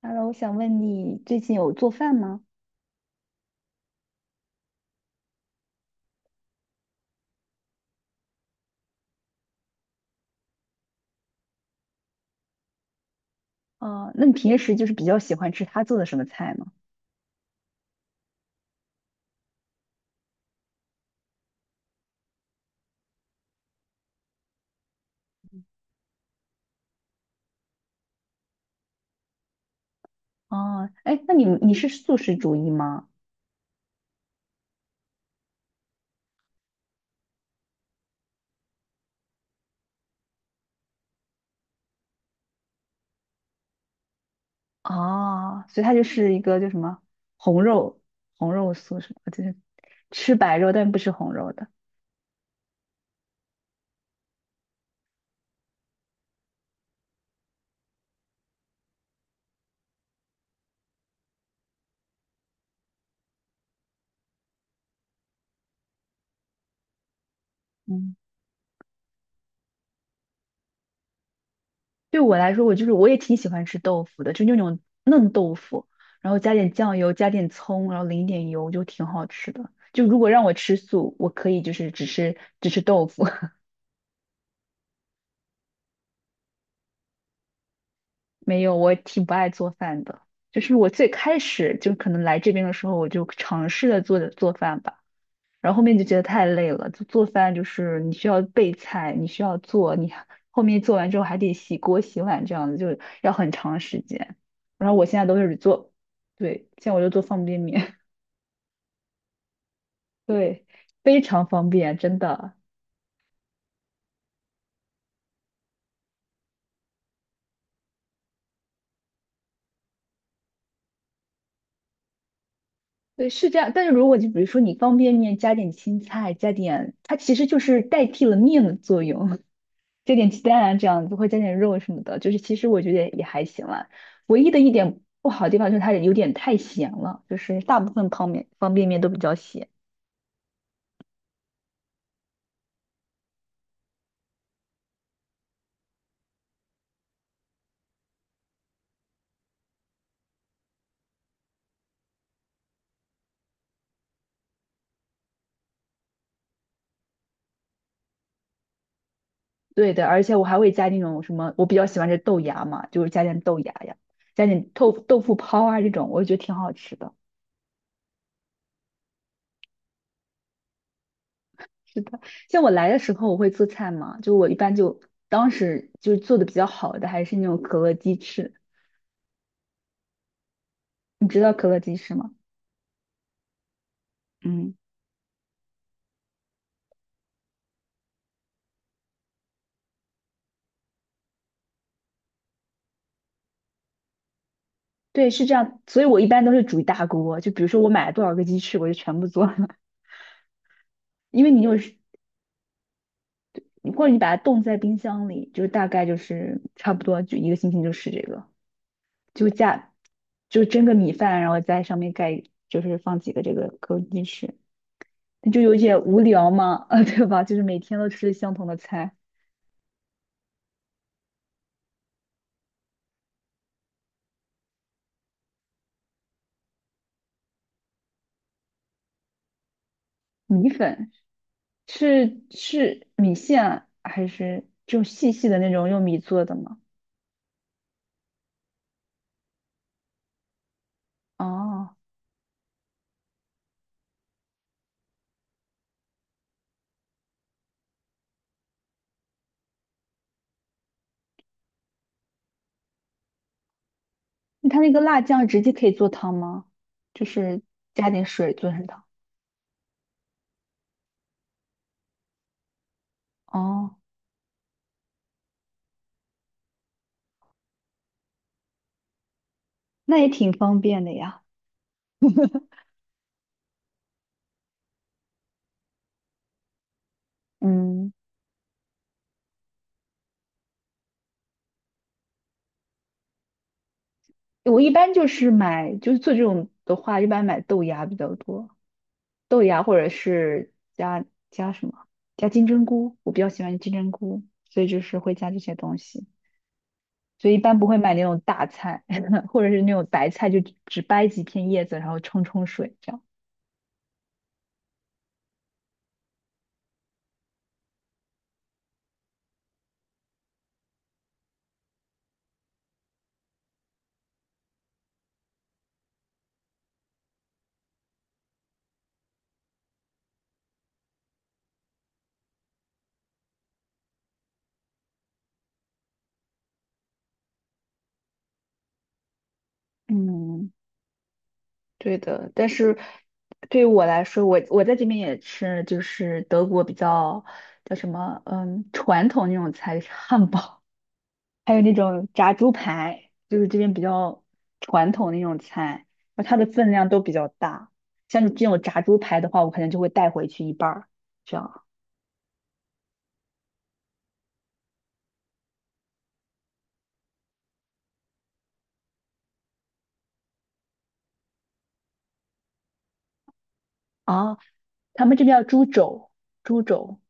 Hello，我想问你最近有做饭吗？哦，那你平时就是比较喜欢吃他做的什么菜吗？哦，哎，那你是素食主义吗？哦，所以他就是一个叫什么红肉红肉素食，就是吃白肉但不吃红肉的。嗯，对我来说，我就是我也挺喜欢吃豆腐的，就那种嫩豆腐，然后加点酱油，加点葱，然后淋一点油，就挺好吃的。就如果让我吃素，我可以就是只吃豆腐。没有，我挺不爱做饭的。就是我最开始就可能来这边的时候，我就尝试着做做饭吧，然后后面就觉得太累了。就做饭就是你需要备菜，你需要做，你还后面做完之后还得洗锅洗碗，这样子就要很长时间。然后我现在都是做，对，现在我就做方便面，对，非常方便，真的。对，是这样。但是如果就比如说你方便面加点青菜，加点，它其实就是代替了面的作用。加点鸡蛋啊，这样子会加点肉什么的，就是其实我觉得也还行啦。唯一的一点不好的地方就是它有点太咸了，就是大部分泡面方便面都比较咸。对的，而且我还会加那种什么，我比较喜欢吃豆芽嘛，就是加点豆芽呀，加点豆腐泡啊这种，我觉得挺好吃的。是的，像我来的时候我会做菜嘛，就我一般就当时就做的比较好的还是那种可乐鸡翅，你知道可乐鸡翅吗？嗯。对，是这样，所以我一般都是煮一大锅，就比如说我买了多少个鸡翅，我就全部做了，因为你有时，或者你把它冻在冰箱里，就是大概就是差不多就一个星期就是这个，就加就蒸个米饭，然后在上面盖就是放几个这个枸杞鸡翅，那就有点无聊嘛，啊，对吧？就是每天都吃相同的菜，米粉是米线啊还是就细细的那种用米做的吗？哦。它那个辣酱直接可以做汤吗？就是加点水做成汤。哦，那也挺方便的呀。嗯，我一般就是买，就是做这种的话，一般买豆芽比较多，豆芽或者是加什么，加金针菇，我比较喜欢金针菇，所以就是会加这些东西，所以一般不会买那种大菜，或者是那种白菜，就只掰几片叶子，然后冲冲水这样。嗯。对的，但是对于我来说，我在这边也吃，就是德国比较叫什么，传统那种菜，汉堡，还有那种炸猪排，就是这边比较传统的那种菜，然后它的分量都比较大。像这种炸猪排的话，我可能就会带回去一半儿，这样啊。他们这边叫猪肘，猪肘，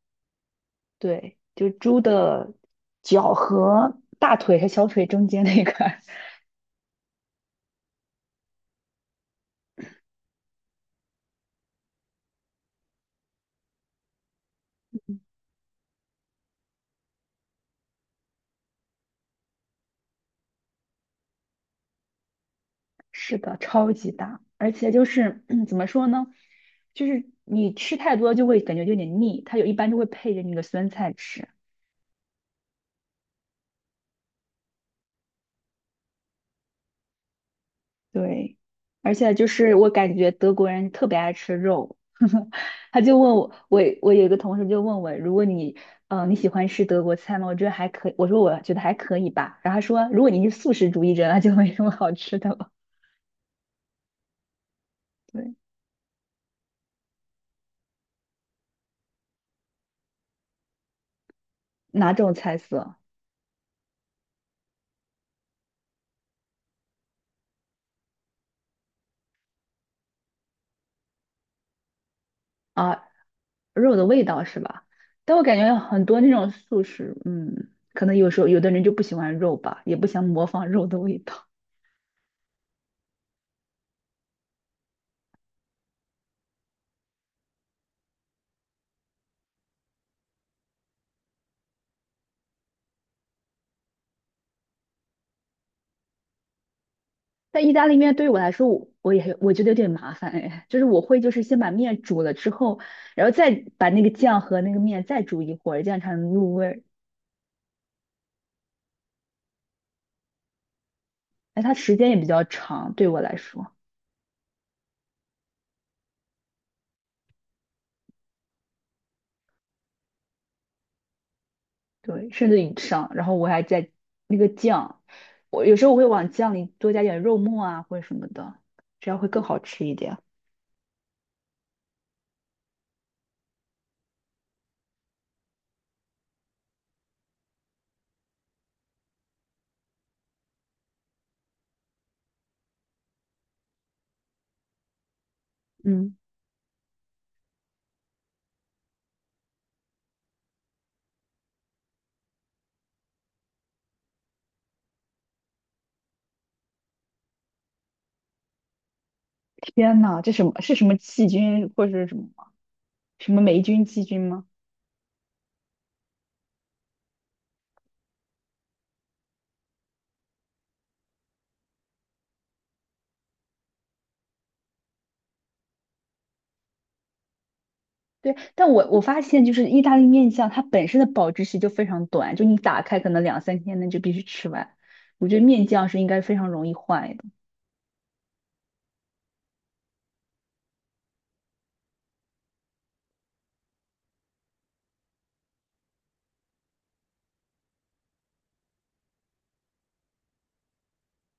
对，就是猪的脚和大腿和小腿中间那个是的，超级大，而且就是 怎么说呢，就是你吃太多就会感觉有点腻，它有一般就会配着那个酸菜吃。对，而且就是我感觉德国人特别爱吃肉，他就问我，我有一个同事就问我，如果你喜欢吃德国菜吗？我觉得还可以，我说我觉得还可以吧。然后他说，如果你是素食主义者，那就没什么好吃的了。对，哪种菜色啊？肉的味道是吧？但我感觉很多那种素食，可能有时候有的人就不喜欢肉吧，也不想模仿肉的味道。但意大利面对于我来说，我觉得有点麻烦哎，就是我会就是先把面煮了之后，然后再把那个酱和那个面再煮一会儿，这样才能入味儿。哎，它时间也比较长，对我来说，对，甚至以上。然后我还在那个酱，我有时候我会往酱里多加点肉末啊或者什么的，这样会更好吃一点。嗯。天呐，这什么是什么细菌或者是什么吗？什么霉菌、细菌吗？对，但我发现就是意大利面酱，它本身的保质期就非常短，就你打开可能两三天内就必须吃完。我觉得面酱是应该非常容易坏的。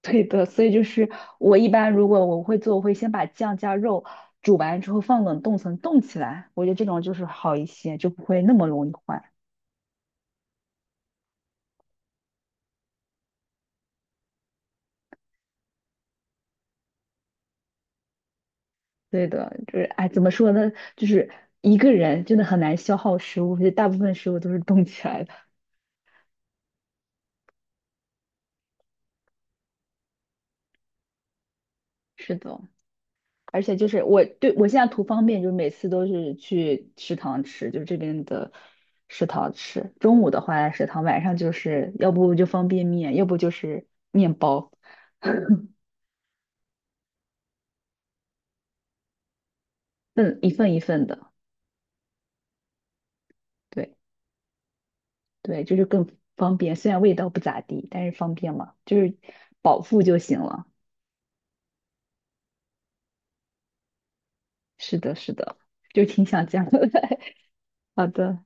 对的，所以就是我一般如果我会做，我会先把酱加肉煮完之后放冷冻层冻起来，我觉得这种就是好一些，就不会那么容易坏。对的，就是哎，怎么说呢？就是一个人真的很难消耗食物，而且大部分食物都是冻起来的。是的，而且就是我现在图方便，就是每次都是去食堂吃，就是这边的食堂吃。中午的话在食堂，晚上就是要不就方便面，要不就是面包，份一份一份的。对对，就是更方便，虽然味道不咋地，但是方便嘛，就是饱腹就行了。是的，是的，就挺想这样的。好的，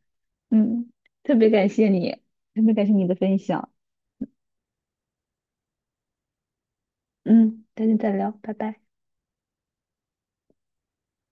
嗯，特别感谢你，特别感谢你的分享。嗯，改天再聊，拜拜。